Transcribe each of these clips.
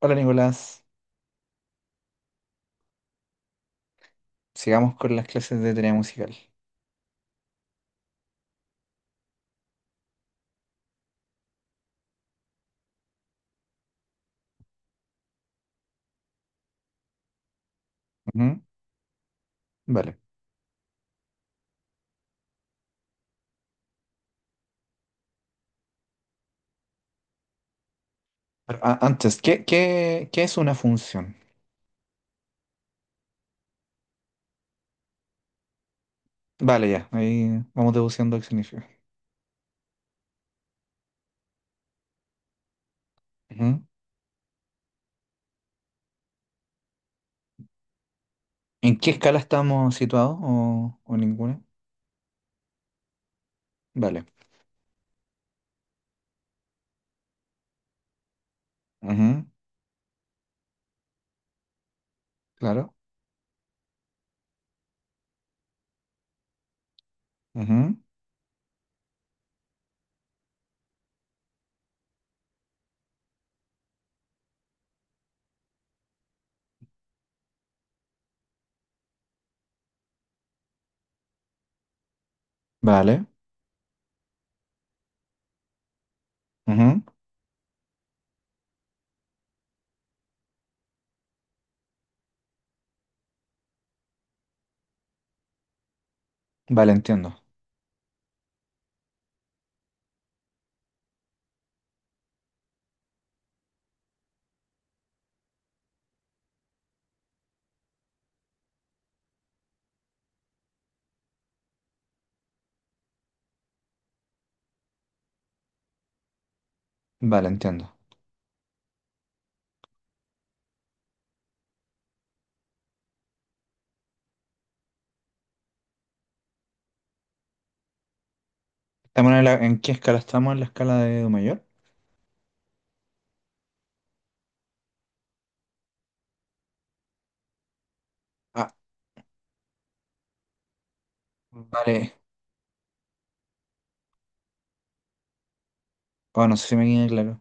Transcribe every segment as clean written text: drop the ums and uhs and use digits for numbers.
Hola Nicolás, sigamos con las clases de teoría musical. Ujú, vale. Pero antes, ¿qué es una función? Vale, ya, ahí vamos deduciendo qué significa. Ujú. ¿En qué escala estamos situados o ninguna? Vale. Ujú, claro. Ujú, vale. Ujú, vale, entiendo. Vale, entiendo. ¿Estamos en qué escala estamos? ¿En la escala de Do mayor? Ah, vale. Oh, no sé si me queda claro.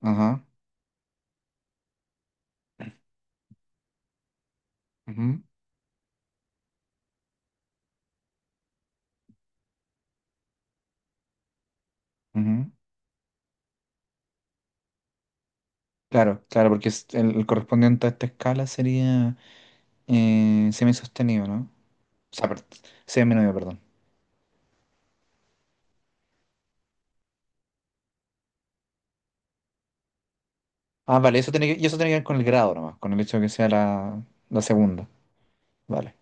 Ajá. Ujú, ujú. Claro, claro, porque el correspondiente a esta escala sería semisostenido, ¿no? O sea, semidiminuido, perdón. Ah, vale, y eso tiene que ver con el grado nomás, con el hecho de que sea la segunda. Vale.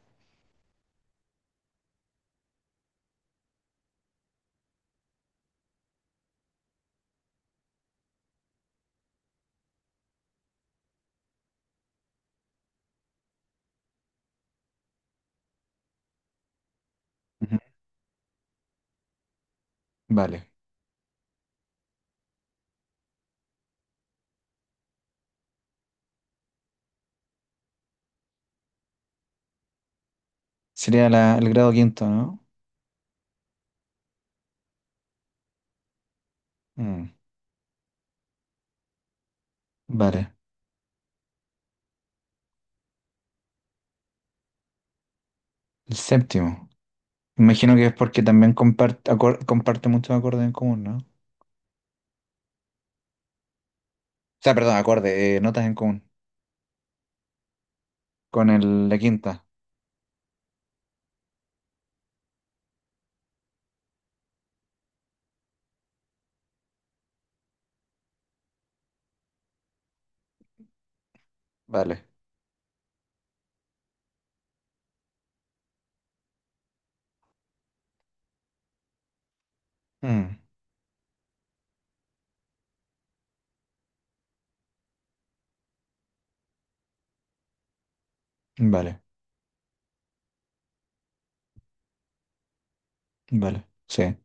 Ujú. Vale. Sería el grado quinto, ¿no? Mm, vale. El séptimo. Imagino que es porque también comparte, comparte muchos acordes en común, ¿no? O sea, perdón, acordes, notas en común. Con la quinta. Vale. Mm, vale, vale. Sí,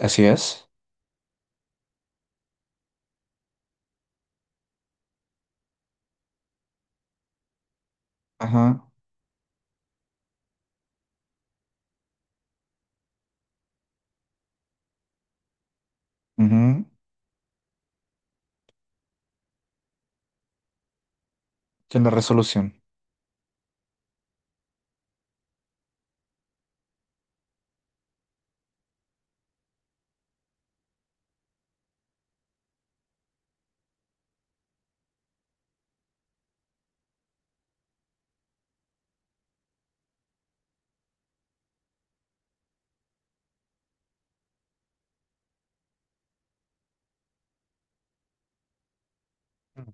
así es. Ajá. Ujú. Tiene resolución. Mm.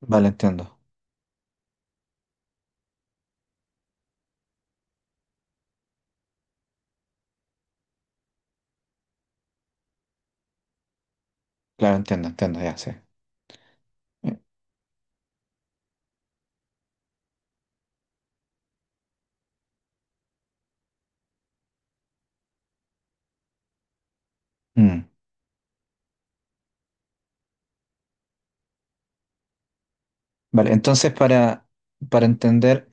Vale, entiendo. Claro, entiendo, entiendo, ya sé. Mm. Vale, entonces para entender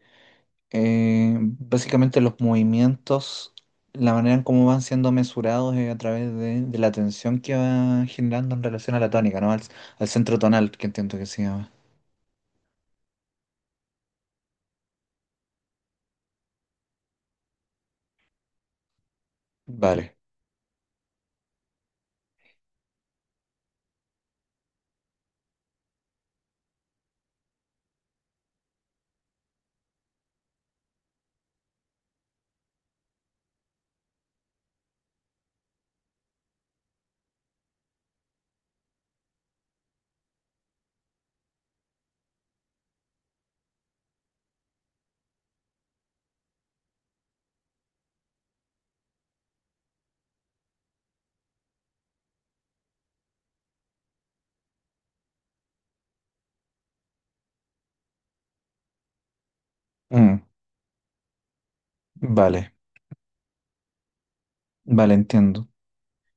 básicamente los movimientos, la manera en cómo van siendo mesurados es a través de la tensión que va generando en relación a la tónica, ¿no? Al centro tonal, que entiendo que se llama. Vale. Mm. Vale, vale, entiendo.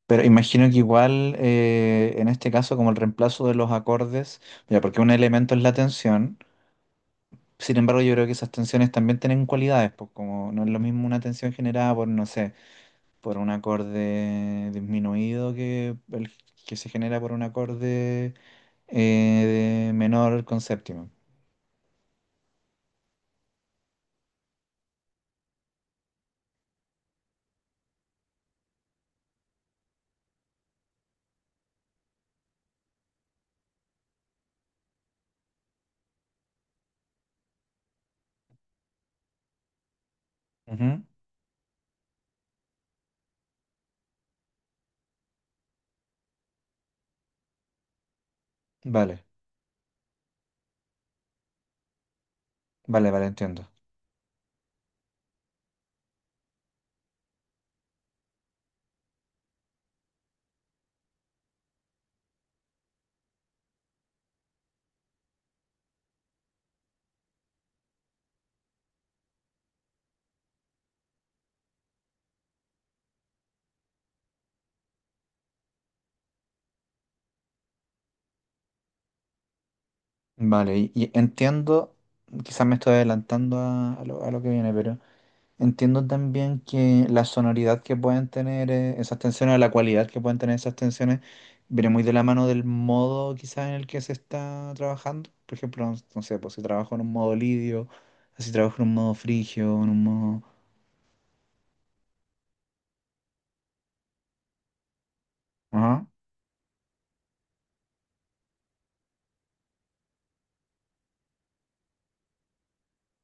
Pero imagino que igual en este caso como el reemplazo de los acordes, ya porque un elemento es la tensión. Sin embargo, yo creo que esas tensiones también tienen cualidades, pues como no es lo mismo una tensión generada por, no sé, por un acorde disminuido que el que se genera por un acorde de menor con séptima. Ujú. Vale, vale, vale, entiendo. Vale, y entiendo, quizás me estoy adelantando a lo que viene, pero entiendo también que la sonoridad que pueden tener esas tensiones, o la cualidad que pueden tener esas tensiones, viene muy de la mano del modo quizás en el que se está trabajando. Por ejemplo, no, no sé, pues si trabajo en un modo lidio, si trabajo en un modo frigio, en un modo... Ajá,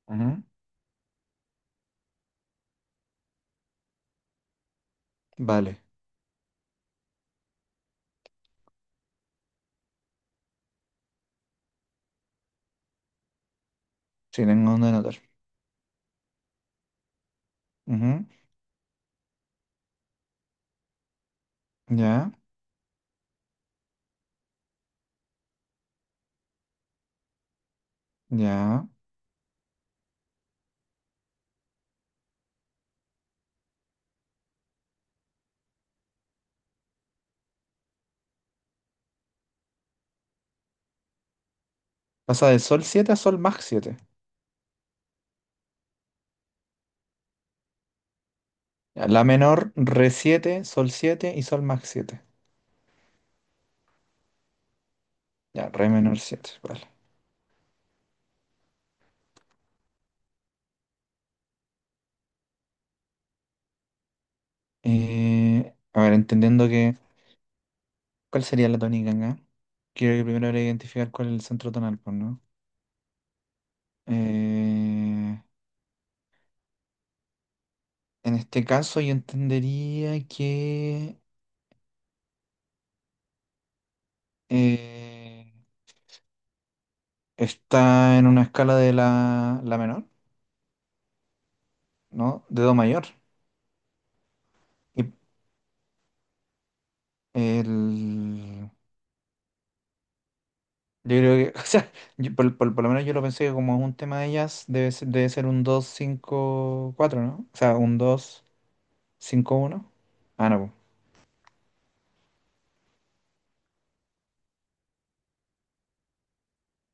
ajá. Vale, sí, tengo donde anotar. Ujú. Ya, ya. Pasa de sol 7 a sol más siete. Ya, la menor, re siete, sol 7 y sol más siete. Ya, re menor siete. Vale. A ver, entendiendo que, ¿cuál sería la tónica acá? Creo que primero habría que identificar cuál es el centro tonal, pues, ¿no? Eh, en este caso yo entendería que eh, está en una escala de la menor, ¿no? De do mayor. Y el, yo creo que, o sea, yo por lo menos yo lo pensé que como es un tema de ellas debe ser un 2 5 4, ¿no? O sea, un dos cinco uno. Ah, no, pues.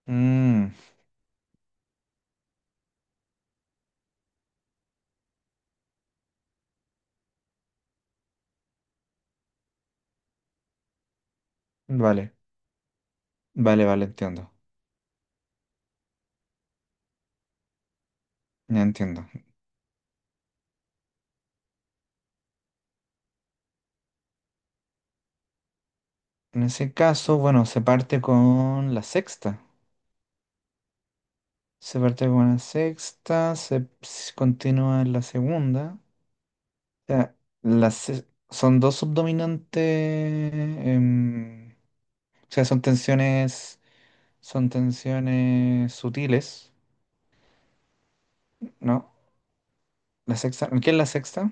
Mm, vale, vale, vale, entiendo. Ya entiendo. En ese caso, bueno, se parte con la sexta. Se parte con la sexta, se continúa en la segunda. O sea, son dos subdominantes. O sea, son tensiones. Son tensiones sutiles, ¿no? La sexta. ¿Qué es la sexta?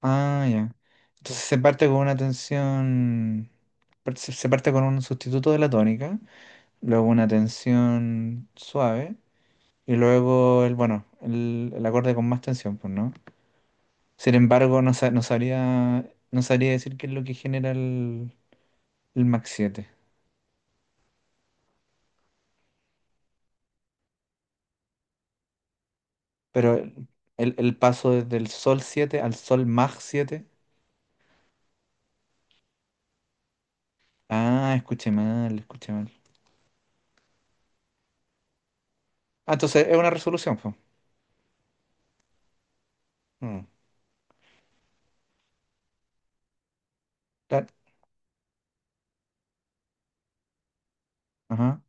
Ah, ya. Entonces se parte con una tensión. Se parte con un sustituto de la tónica, luego una tensión suave. Y luego el, bueno, el acorde con más tensión, pues, ¿no? Sin embargo, no sabría, no sabría decir qué es lo que genera el Mach siete. Pero el paso desde el Sol 7 al Sol Mach siete. Ah, escuché mal, escuché mal. Ah, entonces es una resolución, pues. Mm, claro, ajá,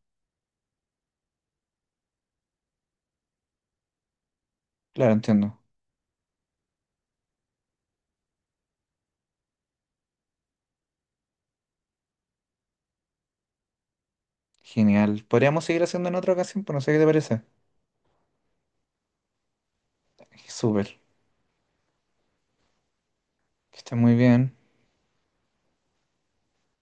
claro, entiendo. Genial. Podríamos seguir haciendo en otra ocasión, pues no sé qué te parece. Súper. Que estés muy bien.